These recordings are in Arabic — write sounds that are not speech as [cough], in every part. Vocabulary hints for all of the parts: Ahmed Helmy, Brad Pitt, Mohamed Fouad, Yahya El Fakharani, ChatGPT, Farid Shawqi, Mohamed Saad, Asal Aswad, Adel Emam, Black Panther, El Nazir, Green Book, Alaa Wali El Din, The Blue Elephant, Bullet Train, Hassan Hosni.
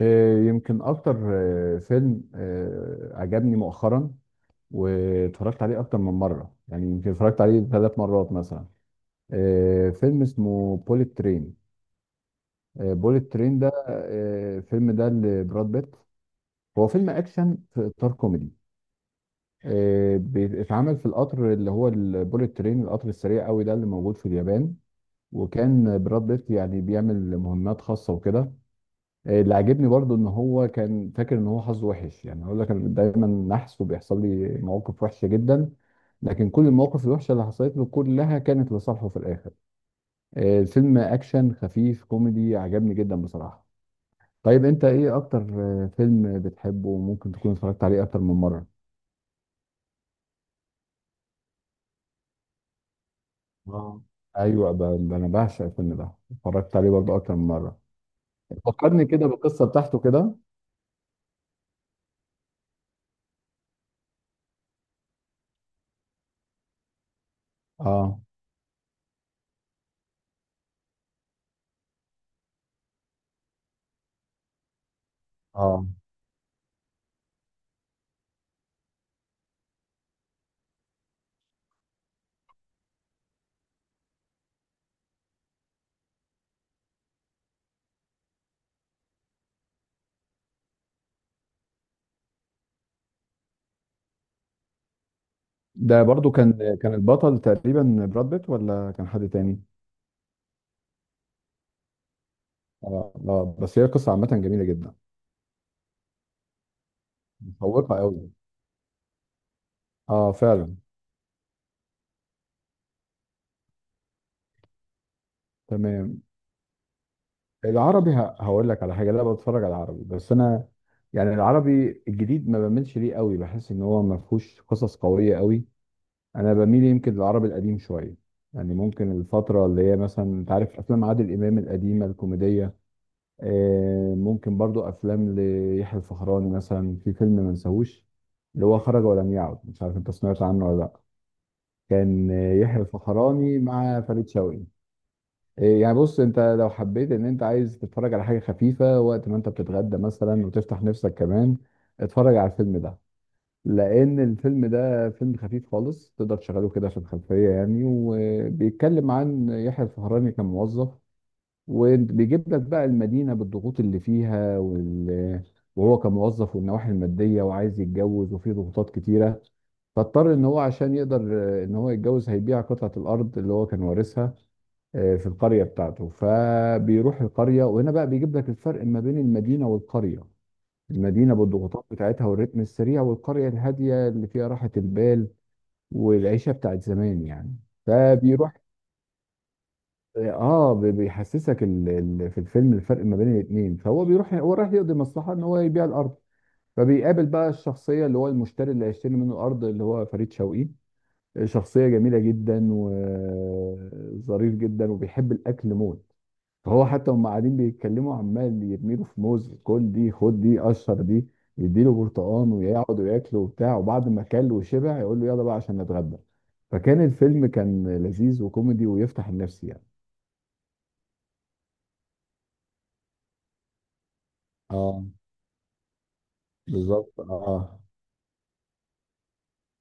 يمكن اكتر. فيلم عجبني مؤخرا، واتفرجت عليه اكتر من مره، يعني يمكن اتفرجت عليه 3 مرات مثلا. فيلم اسمه بوليت ترين. بوليت ترين ده، الفيلم ده لبراد بيت. هو فيلم اكشن في اطار كوميدي. بيتعمل في القطر اللي هو البوليت ترين، القطر السريع قوي ده اللي موجود في اليابان. وكان براد بيت يعني بيعمل مهمات خاصه وكده. اللي عاجبني برضو ان هو كان فاكر ان هو حظه وحش، يعني هقول لك انا دايما نحس وبيحصل لي مواقف وحشه جدا. لكن كل المواقف الوحشه اللي حصلت له كلها كانت لصالحه في الاخر. الفيلم اكشن خفيف كوميدي عجبني جدا بصراحه. طيب، انت ايه اكتر فيلم بتحبه وممكن تكون اتفرجت عليه اكتر من مره؟ اه، ايوه. انا بعشق الفيلم ده، اتفرجت عليه برضو اكتر من مره. فكرني كده بالقصه بتاعته كده. اه، اه، ده برضو كان البطل تقريبا براد بيت ولا كان حد تاني؟ اه، اه، بس هي قصة عامة جميلة جدا. مشوقة قوي. اه، فعلا. تمام. العربي، هقول لك على حاجة، لا بتفرج على العربي، بس انا يعني العربي الجديد ما بميلش ليه قوي، بحس ان هو ما فيهوش قصص قوية قوي. انا بميل يمكن للعربي القديم شوية. يعني ممكن الفترة اللي هي مثلا، انت عارف افلام عادل امام القديمة الكوميدية. ممكن برضو افلام ليحيى الفخراني، مثلا في فيلم ما نساهوش، اللي هو خرج ولم يعد، مش عارف انت سمعت عنه ولا لا. كان يحيى الفخراني مع فريد شوقي. يعني بص، انت لو حبيت ان انت عايز تتفرج على حاجه خفيفه وقت ما انت بتتغدى مثلا وتفتح نفسك كمان، اتفرج على الفيلم ده. لان الفيلم ده فيلم خفيف خالص، تقدر تشغله كده في الخلفيه يعني، وبيتكلم عن يحيى الفخراني كموظف. وبيجيب لك بقى المدينة بالضغوط اللي فيها وهو كموظف، والنواحي المادية، وعايز يتجوز، وفي ضغوطات كتيرة. فاضطر ان هو عشان يقدر ان هو يتجوز، هيبيع قطعة الارض اللي هو كان وارثها في القرية بتاعته. فبيروح القرية، وهنا بقى بيجيب لك الفرق ما بين المدينة والقرية. المدينة بالضغوطات بتاعتها والريتم السريع، والقرية الهادية اللي فيها راحة البال والعيشة بتاعت زمان يعني. فبيروح، اه، بيحسسك في الفيلم الفرق ما بين الاثنين. فهو بيروح، هو رايح يقضي مصلحه ان هو يبيع الارض. فبيقابل بقى الشخصيه اللي هو المشتري اللي هيشتري منه الارض، اللي هو فريد شوقي. شخصيه جميله جدا وظريف جدا وبيحب الاكل موت. فهو حتى هم قاعدين بيتكلموا، عمال يرميله في موز، كل دي، خد دي، قشر دي، يديله برتقان، ويقعدوا ياكلوا وبتاع. وبعد ما كل وشبع يقول له يلا بقى عشان نتغدى. فكان الفيلم، كان لذيذ وكوميدي ويفتح النفس يعني. اه. بالظبط، اه.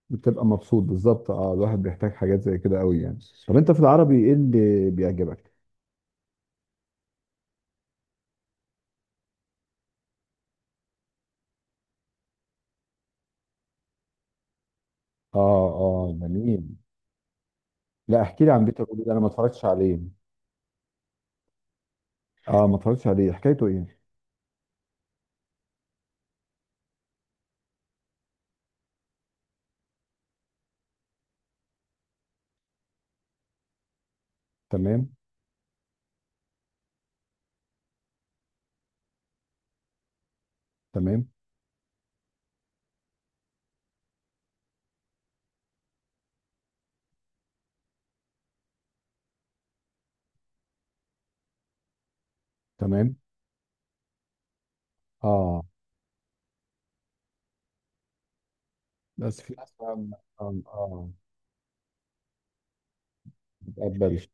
بتبقى مبسوط بالظبط، اه، الواحد بيحتاج حاجات زي كده قوي يعني. طب انت في العربي ايه اللي بيعجبك؟ اه، اه، جميل. لا، احكي لي عن بيت الروبي ده، انا ما اتفرجتش عليه. اه، ما اتفرجتش عليه، حكايته ايه؟ تمام، تمام، تمام. اه، بس في ناس، ما، اه، اه، ما بتقبلش.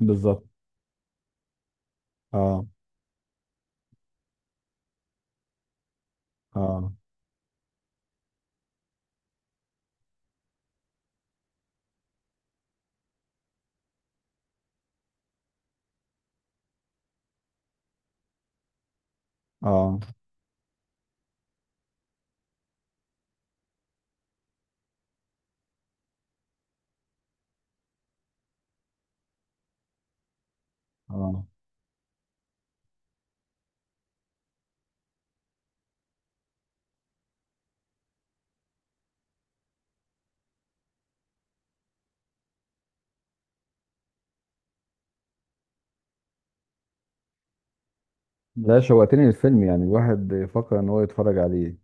بالظبط، اه، اه، اه، اه. لا، شوقتني الفيلم، يعني الواحد يفكر ان هو يتفرج عليه.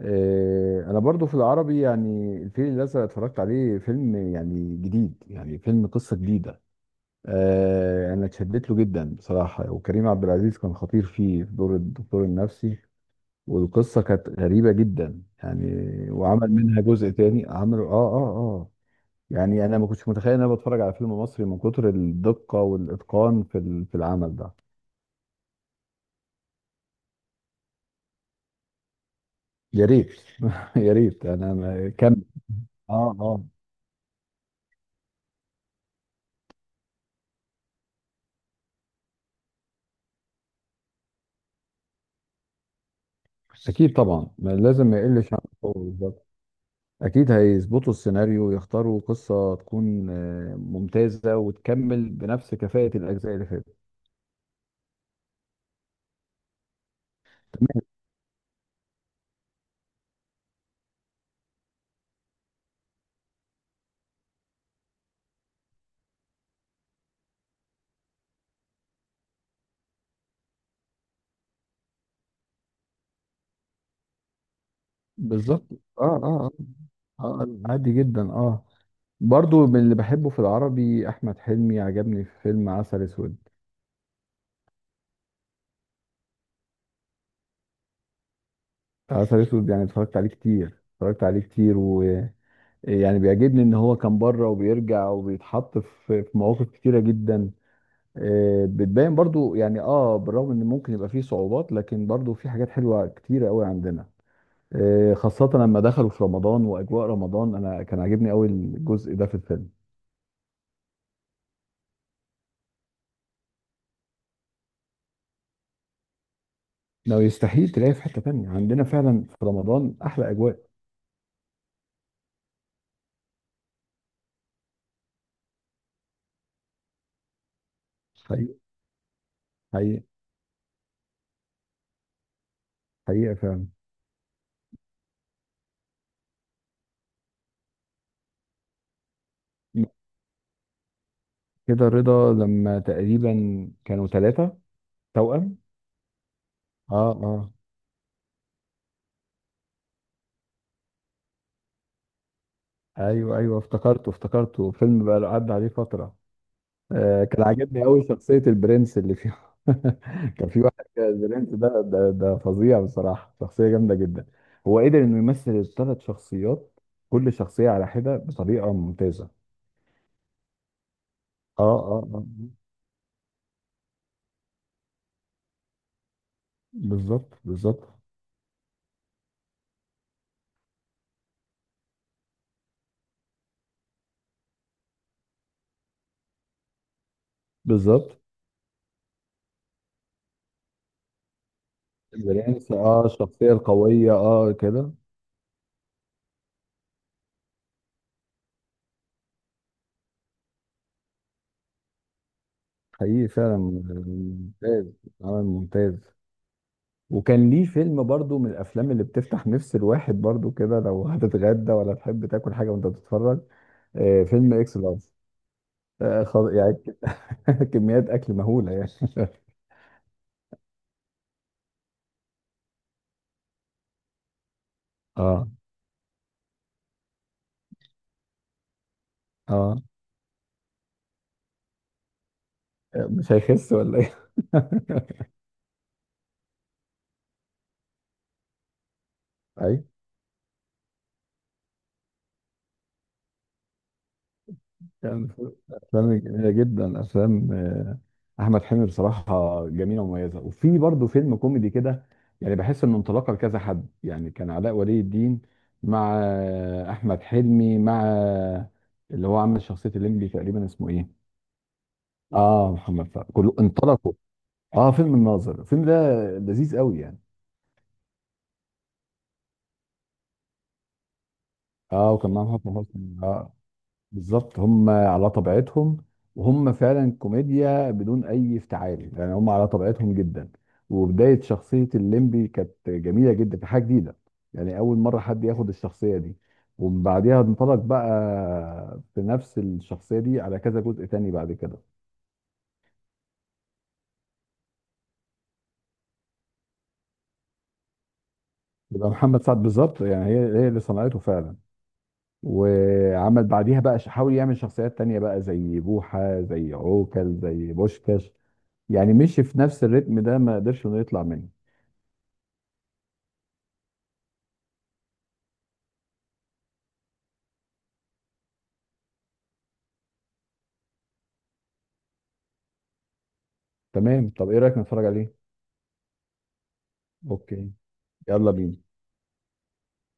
انا برضو في العربي يعني الفيل الازرق اتفرجت عليه، فيلم يعني جديد، يعني فيلم قصه جديده. انا اتشدت له جدا بصراحه. وكريم عبد العزيز كان خطير فيه في دور الدكتور النفسي. والقصه كانت غريبه جدا يعني. وعمل منها جزء تاني عمله، اه، اه، اه. يعني انا ما كنتش متخيل ان انا بتفرج على فيلم مصري، من كتر الدقه والاتقان في في العمل ده. يا ريت. [laughs] يا ريت انا كمل. اه، اه. اكيد طبعا، ما لازم ما يقلش عن. أكيد هيظبطوا السيناريو ويختاروا قصة تكون ممتازة وتكمل بنفس كفاءة الأجزاء اللي فاتت. بالظبط. آه، آه، آه، عادي جدا، آه. برضو من اللي بحبه في العربي أحمد حلمي، عجبني في فيلم عسل أسود. عسل أسود يعني اتفرجت عليه كتير، اتفرجت عليه كتير، ويعني بيعجبني إن هو كان بره وبيرجع وبيتحط في مواقف كتيرة جدا. بتبان برضو يعني، آه، بالرغم إن ممكن يبقى فيه صعوبات، لكن برضو في حاجات حلوة كتيرة قوي عندنا. خاصة لما دخلوا في رمضان وأجواء رمضان، أنا كان عاجبني أوي الجزء ده في الفيلم. لو يستحيل تلاقيه في حتة تانية، عندنا فعلا في رمضان أحلى أجواء. حقيقة. حقيقة. حقيقة فعلا. كده رضا لما تقريبا كانوا ثلاثة. توأم. اه، اه، ايوه، ايوه، افتكرته، افتكرته فيلم، بقى له عدى عليه فترة. كان عاجبني قوي شخصية البرنس اللي فيه. [laughs] كان في واحد كده البرنس ده فظيع بصراحة، شخصية جامدة جدا. هو قدر انه يمثل الثلاث شخصيات، كل شخصية على حدة بطريقة ممتازة. اه، اه، اه، آه. بالظبط، بالظبط، بالظبط. البرنس، اه، الشخصية القوية، اه، كده. حقيقي فعلا، ممتاز. عمل ممتاز. وكان ليه فيلم برضو من الافلام اللي بتفتح نفس الواحد برضو كده، لو هتتغدى ولا تحب تاكل حاجة وانت بتتفرج، فيلم اكس لارج. يعني [laughs] كميات اكل مهوله يعني [laughs] اه، اه، مش هيخس ولا ايه؟ [laughs] اي. كان في افلام جميله جدا، افلام احمد حلمي بصراحه، جميله ومميزه، وفي برضه فيلم كوميدي كده. يعني بحس انه انطلاقه لكذا حد، يعني كان علاء ولي الدين مع احمد حلمي مع اللي هو عامل شخصيه الليمبي، تقريبا اسمه ايه. اه، محمد فؤاد، كله انطلقوا. اه، فيلم الناظر، الفيلم ده لذيذ قوي يعني. اه، وكان معاهم حسن حسني، اه، بالظبط. هم على طبيعتهم، وهم فعلا كوميديا بدون اي افتعال، يعني هم على طبيعتهم جدا. وبدايه شخصيه الليمبي كانت جميله جدا، كانت حاجه جديده. يعني اول مره حد ياخد الشخصيه دي. ومن بعديها انطلق بقى بنفس الشخصيه دي على كذا جزء تاني بعد كده. يبقى محمد سعد، بالظبط، يعني هي اللي صنعته فعلا. وعمل بعديها بقى، حاول يعمل شخصيات تانية بقى زي بوحة، زي عوكل، زي بوشكاش. يعني مشي في نفس الريتم ده، ما قدرش انه يطلع منه. تمام، طب ايه رايك نتفرج عليه؟ اوكي. يلا بينا.